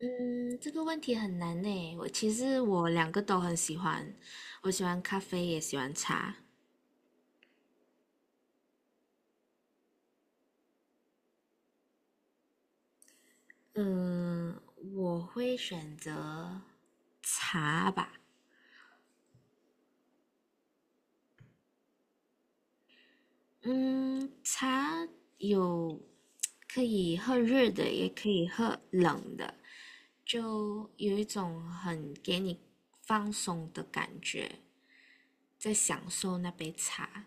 嗯，这个问题很难呢。其实我两个都很喜欢，我喜欢咖啡，也喜欢茶。嗯，我会选择茶吧。嗯，茶有可以喝热的，也可以喝冷的，就有一种很给你放松的感觉，在享受那杯茶。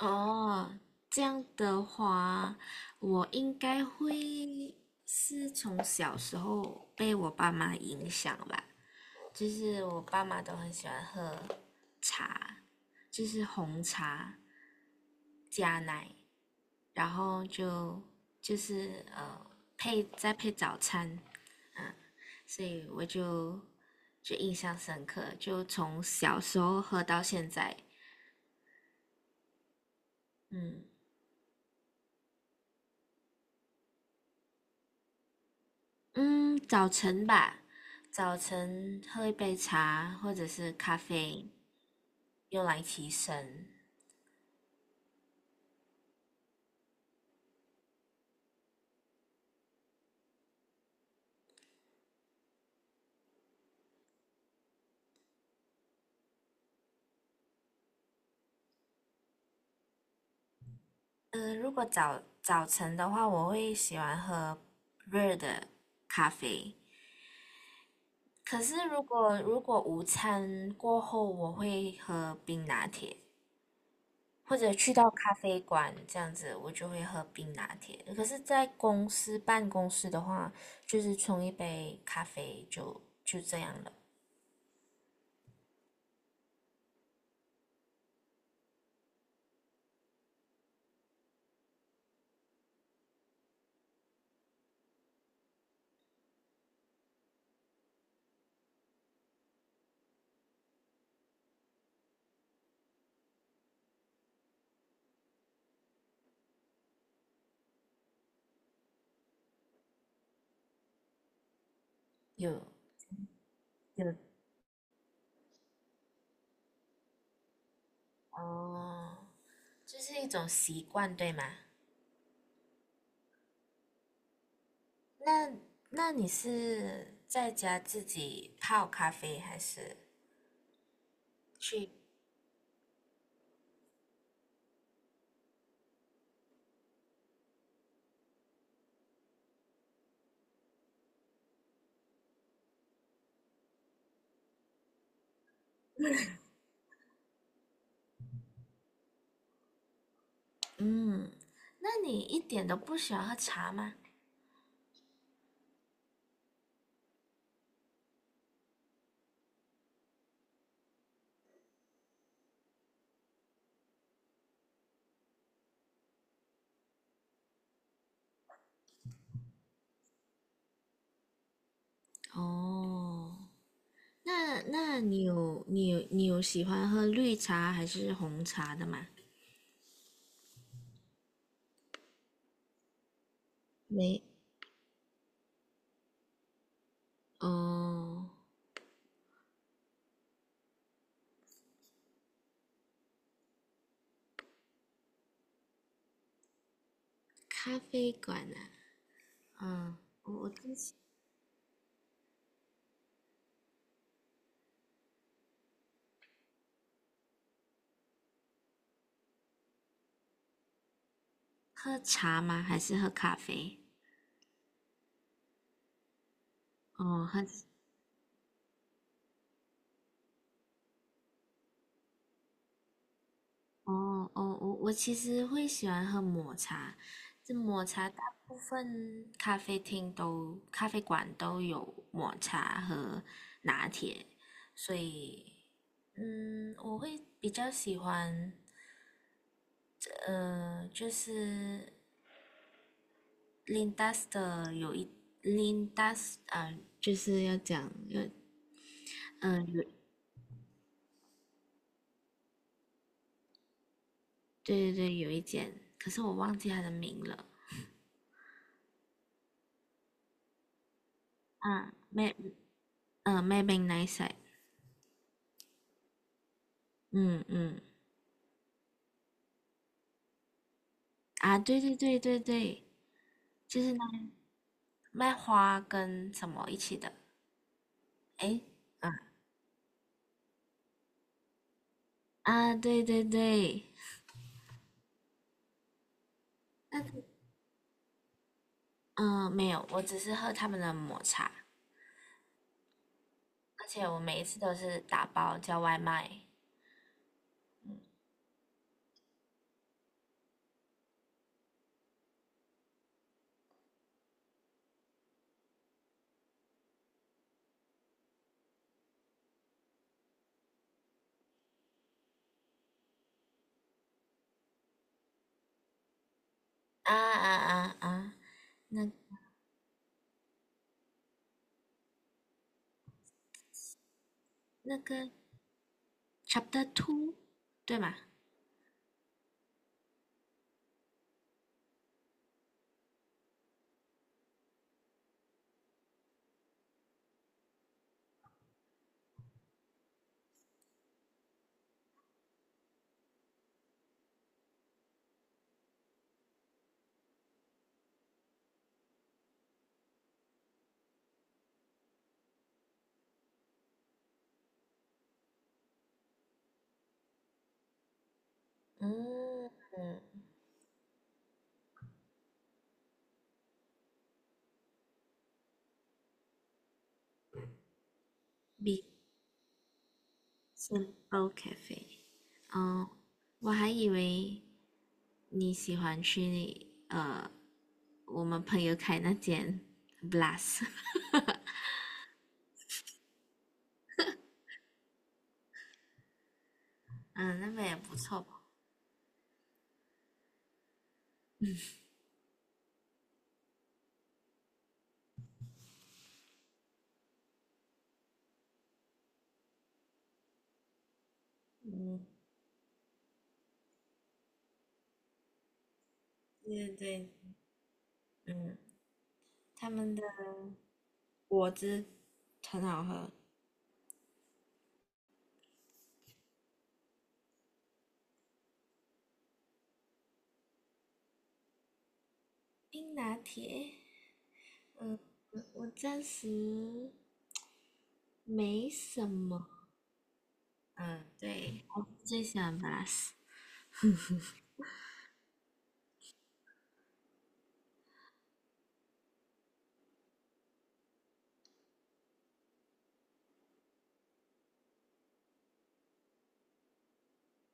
哦，这样的话，我应该会是从小时候被我爸妈影响吧，就是我爸妈都很喜欢喝茶，就是红茶加奶，然后就是再配早餐，所以我就印象深刻，就从小时候喝到现在。嗯。嗯，早晨吧，早晨喝一杯茶或者是咖啡，用来提神。如果早晨的话，我会喜欢喝热的咖啡。可是如果午餐过后，我会喝冰拿铁，或者去到咖啡馆这样子，我就会喝冰拿铁。可是，在公司办公室的话，就是冲一杯咖啡就这样了。有，有。哦，这是一种习惯，对吗？那那你是在家自己泡咖啡，还是去？嗯，那你一点都不喜欢喝茶吗？哦，那你有喜欢喝绿茶还是红茶的吗？没。哦，咖啡馆呢？嗯，我自己喝茶吗？还是喝咖啡？哦，哦哦，我其实会喜欢喝抹茶，这抹茶大部分咖啡馆都有抹茶和拿铁，所以，我会比较喜欢，就是 l i n d a 的有一 Linda 就是要讲有。对对对，有一间，可是我忘记它的名了。啊，Mad b a n g n i s i。 嗯嗯。啊，对对对对对，就是那卖花跟什么一起的。诶，啊啊，对对对。但是嗯、没有，我只是喝他们的抹茶，而且我每一次都是打包叫外卖。啊啊啊啊，那那个 Chapter Two 对吗？嗯嗯。Big Simple Cafe。嗯，我还以为你喜欢去我们朋友开那间 Blast。嗯，那边也不错吧？嗯，对对。嗯，他们的果汁很好喝。冰拿铁。嗯，我暂时没什么。嗯，对，我最喜欢 Blast。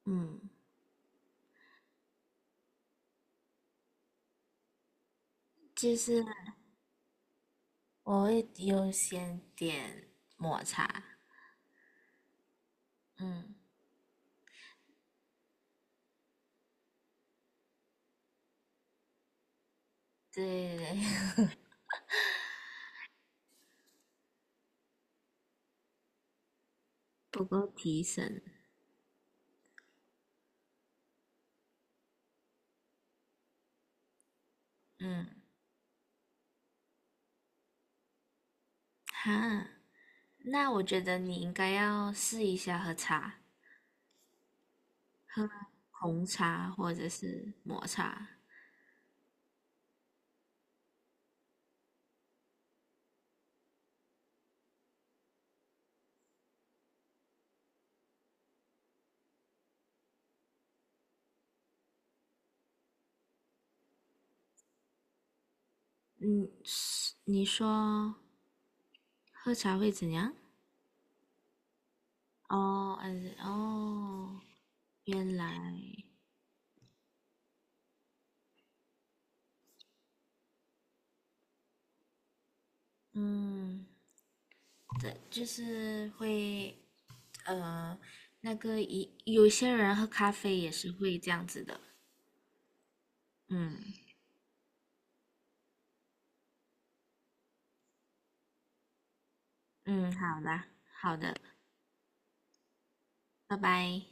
嗯，就是我会优先点抹茶。嗯，对，不够提神。嗯哈，那我觉得你应该要试一下喝茶，喝红茶或者是抹茶。嗯，是你说喝茶会怎样？哦，嗯，哦，原来。嗯，对，就是会，呃，那个一有些人喝咖啡也是会这样子的。嗯嗯，好啦，好的，拜拜。